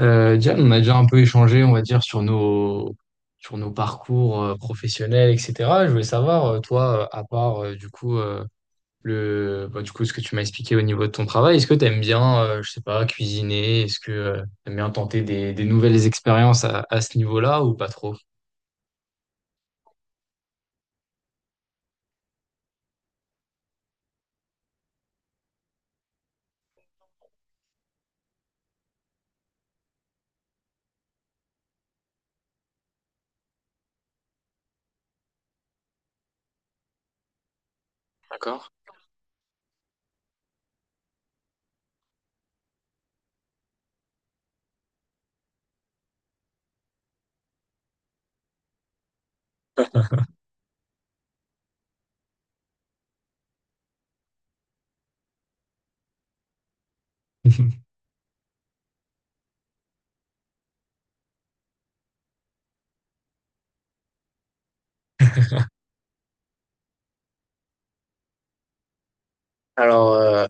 Diane, on a déjà un peu échangé, on va dire, sur nos parcours professionnels, etc. Je voulais savoir, toi, à part du coup, ce que tu m'as expliqué au niveau de ton travail, est-ce que tu aimes bien, je sais pas, cuisiner? Est-ce que tu aimes bien tenter des nouvelles expériences à ce niveau-là ou pas trop? D'accord. Alors,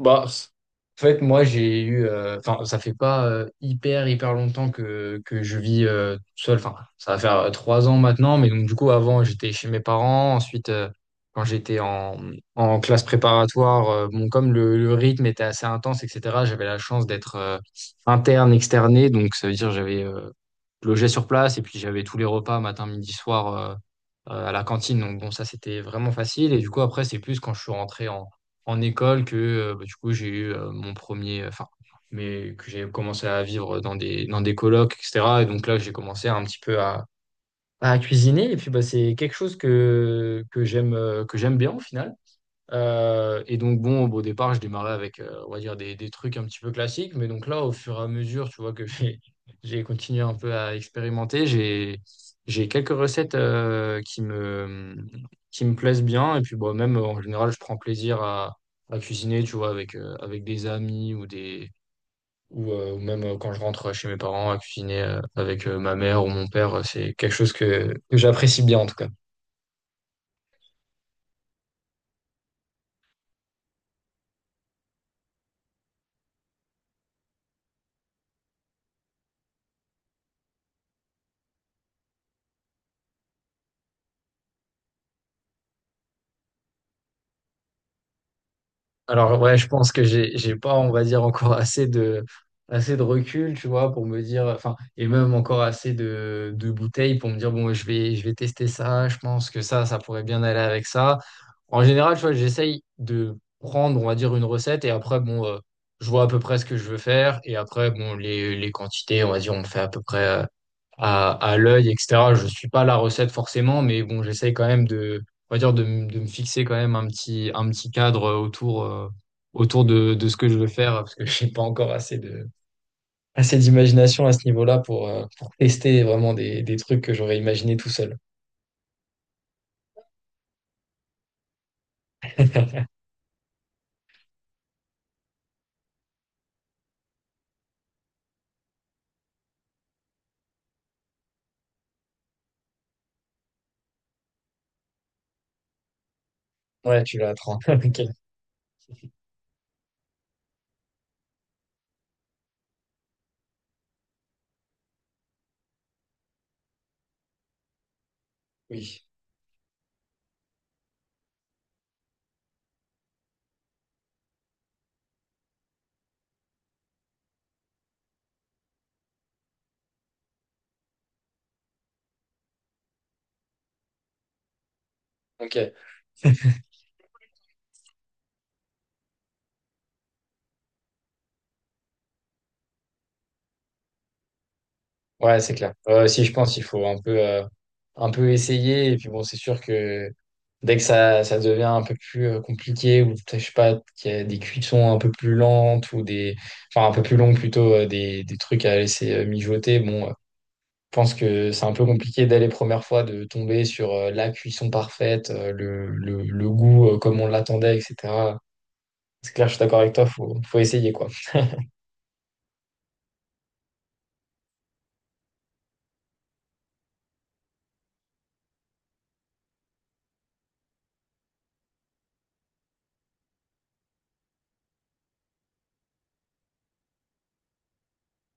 bah, en fait, moi, j'ai eu. Enfin, ça fait pas hyper, hyper longtemps que je vis tout seul. Enfin, ça va faire 3 ans maintenant. Mais donc, du coup, avant, j'étais chez mes parents. Ensuite, quand j'étais en classe préparatoire, bon, comme le rythme était assez intense, etc., j'avais la chance d'être interne, externé. Donc, ça veut dire j'avais logé sur place et puis j'avais tous les repas, matin, midi, soir, à la cantine. Donc, bon, ça, c'était vraiment facile. Et du coup, après, c'est plus quand je suis rentré en école que bah, du coup j'ai eu mon premier, enfin, mais que j'ai commencé à vivre dans des colocs, etc. Et donc là, j'ai commencé un petit peu à cuisiner. Et puis bah, c'est quelque chose que j'aime bien au final. Et donc bon, au départ, je démarrais avec, on va dire, des trucs un petit peu classiques. Mais donc là, au fur et à mesure, tu vois, que j'ai j'ai continué un peu à expérimenter, j'ai quelques recettes qui me plaisent bien. Et puis bon, même en général, je prends plaisir à cuisiner, tu vois, avec des amis ou des... Ou, ou même quand je rentre chez mes parents à cuisiner avec ma mère ou mon père, c'est quelque chose que j'apprécie bien en tout cas. Alors ouais, je pense que j'ai pas, on va dire, encore assez de recul, tu vois, pour me dire, enfin, et même encore assez de bouteilles pour me dire, bon, je vais tester ça, je pense que ça pourrait bien aller avec ça. En général, tu vois, j'essaye de prendre, on va dire, une recette et après, bon, je vois à peu près ce que je veux faire et après, bon, les quantités, on va dire, on fait à peu près, à l'œil, etc. Je suis pas la recette forcément, mais bon, j'essaye quand même de, on va dire, de me fixer quand même un petit cadre autour, autour de ce que je veux faire, parce que j'ai pas encore assez d'imagination à ce niveau-là pour tester vraiment des trucs que j'aurais imaginé tout seul. Ouais, tu l'as à 30. Ok. Oui. Ok. Ouais, c'est clair. Si je pense, qu'il faut un peu, un peu essayer. Et puis bon, c'est sûr que dès que ça devient un peu plus compliqué, ou je sais pas, qu'il y a des cuissons un peu plus lentes, ou des, enfin un peu plus longues plutôt, des trucs à laisser mijoter, bon, je pense que c'est un peu compliqué dès les premières fois de tomber sur la cuisson parfaite, le goût comme on l'attendait, etc. C'est clair, je suis d'accord avec toi, faut essayer quoi.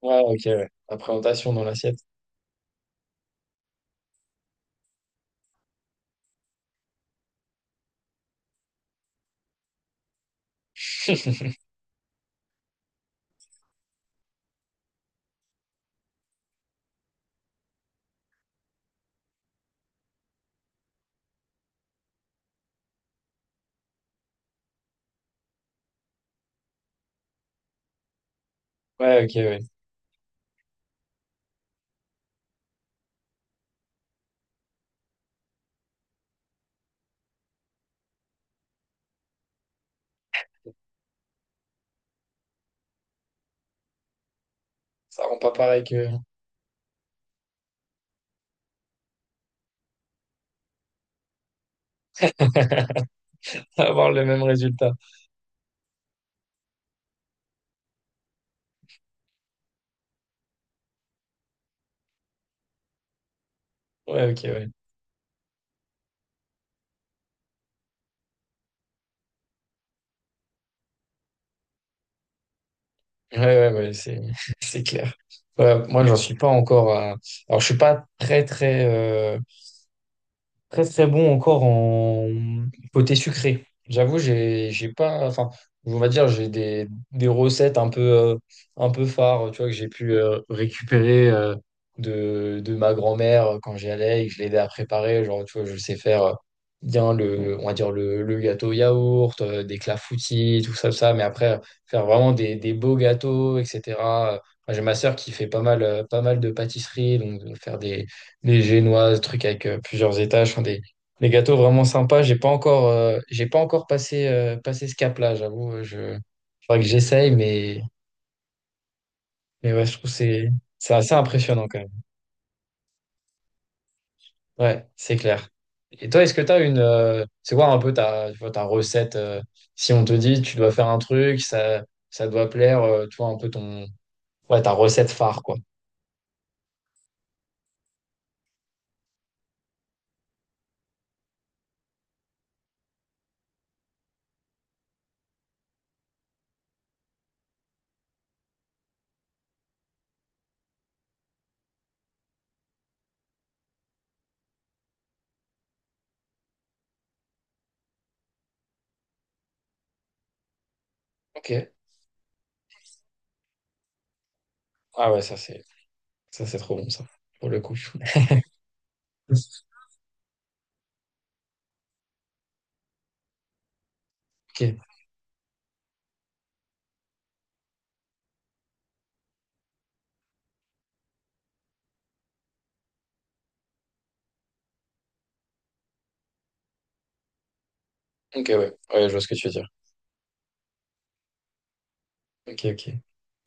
Ouais, ok, ouais. La présentation dans l'assiette. Ouais, ok, ouais. Ça rend pas pareil que. Avoir le même résultat. Ouais, ok, ouais. Ouais, ouais, ouais, c'est, c'est clair. Ouais, moi, j'en suis pas encore à... Alors, je suis pas très très bon encore en côté sucré. J'avoue, j'ai pas, enfin, on va dire, j'ai des recettes un peu phares, tu vois, que j'ai pu récupérer de ma grand-mère quand j'y allais et que je l'aidais à préparer. Genre, tu vois, je sais faire bien le, on va dire le gâteau yaourt, des clafoutis, tout ça, tout ça. Mais après, faire vraiment des beaux gâteaux, etc. Enfin, j'ai ma sœur qui fait pas mal de pâtisserie, donc de faire des les génoises, trucs avec plusieurs étages, enfin, des gâteaux vraiment sympas. J'ai pas encore passé ce cap-là, j'avoue. Faudrait que j'essaye, mais ouais, je trouve que c'est assez impressionnant quand même. Ouais, c'est clair. Et toi, est-ce que tu as c'est quoi un peu ta recette, si on te dit tu dois faire un truc, ça doit plaire, tu vois, un peu ouais, ta recette phare, quoi. Ok. Ah ouais, ça c'est trop bon, ça, pour le coup. Ok, ok, ouais, ouais, je vois ce que tu veux dire. Ok, ok.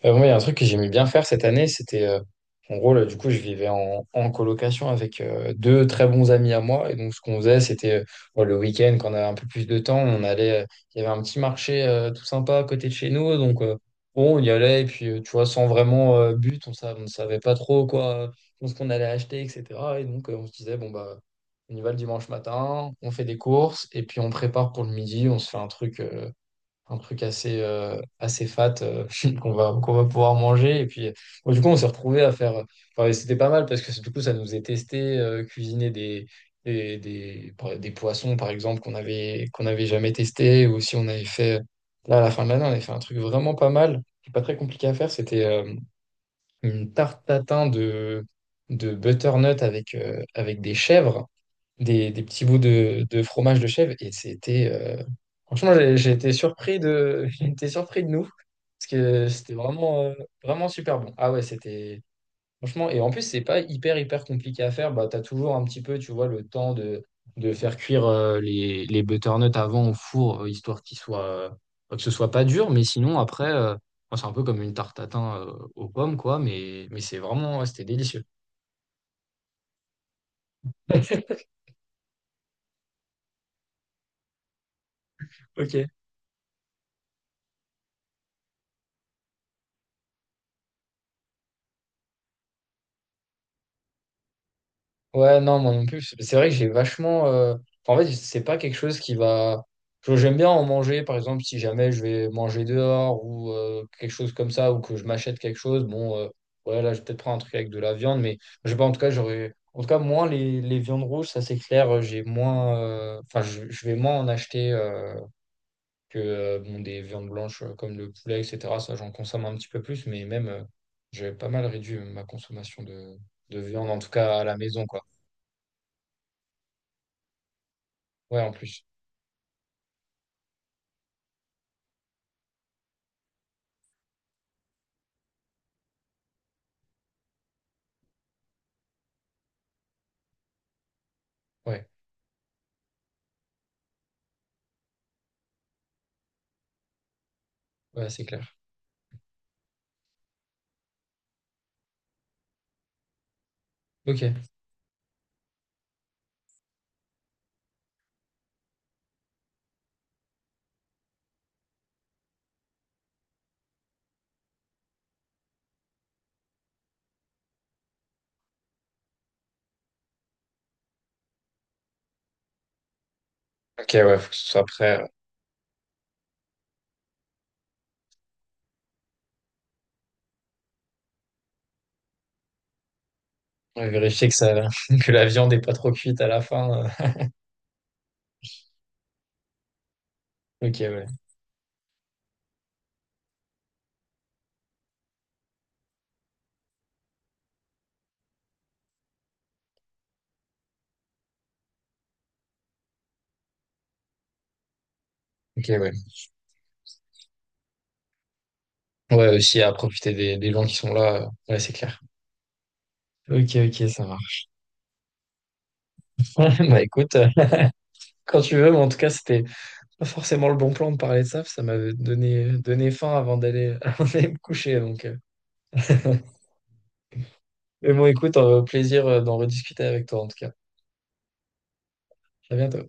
Moi, il y a un truc que j'aimais bien faire cette année, c'était, en gros, là, du coup, je vivais en, en colocation avec deux très bons amis à moi. Et donc, ce qu'on faisait, c'était bon, le week-end, quand on avait un peu plus de temps, on allait, il y avait un petit marché tout sympa à côté de chez nous. Donc, bon, on y allait, et puis, tu vois, sans vraiment but, on ne savait pas trop quoi, ce qu'on allait acheter, etc. Et donc, on se disait, bon, bah, on y va le dimanche matin, on fait des courses, et puis on prépare pour le midi, on se fait un truc assez, assez fat qu'on va pouvoir manger. Et puis, bon, du coup, on s'est retrouvés à faire, enfin, et c'était pas mal parce que du coup, ça nous a testé, cuisiner des poissons, par exemple, qu'on avait jamais testé. Ou si on avait fait. Là, à la fin de l'année, on avait fait un truc vraiment pas mal, qui est pas très compliqué à faire. C'était une tarte tatin de butternut avec des petits bouts de fromage de chèvre et c'était franchement j'ai été surpris de j'ai été surpris de nous parce que c'était vraiment super bon. Ah ouais, c'était franchement et en plus c'est pas hyper hyper compliqué à faire, bah t'as toujours un petit peu, tu vois, le temps de faire cuire les butternuts avant au four histoire qu'ils soient que ce soit pas dur mais sinon après bon, c'est un peu comme une tarte tatin aux pommes quoi mais c'est vraiment ouais, c'était délicieux. Ok. Ouais, non, moi non plus. C'est vrai que j'ai vachement, enfin, en fait, c'est pas quelque chose qui va. J'aime bien en manger, par exemple, si jamais je vais manger dehors ou quelque chose comme ça, ou que je m'achète quelque chose. Bon, ouais, là, je vais peut-être prendre un truc avec de la viande, mais je sais pas, en tout cas, j'aurais. En tout cas, moins les viandes rouges, ça c'est clair, j'ai moins. Enfin, je vais moins en acheter que bon, des viandes blanches comme le poulet, etc. Ça, j'en consomme un petit peu plus, mais même, j'ai pas mal réduit ma consommation de viande, en tout cas à la maison, quoi. Ouais, en plus. Ouais, ouais, c'est clair. Ok. Ok, ouais, faut que ce soit prêt. Ouais, vérifier que ça, que la viande est pas trop cuite à la fin. Ok, ouais. Ok, ouais. Ouais, aussi à profiter des gens qui sont là. Ouais, c'est clair. Ok, ok, ça marche. Bah écoute, quand tu veux, mais en tout cas, c'était pas forcément le bon plan de parler de ça parce que ça m'avait donné faim avant d'aller avant d'aller me coucher. Donc, Mais bon, écoute, plaisir d'en rediscuter avec toi, en tout cas. À bientôt.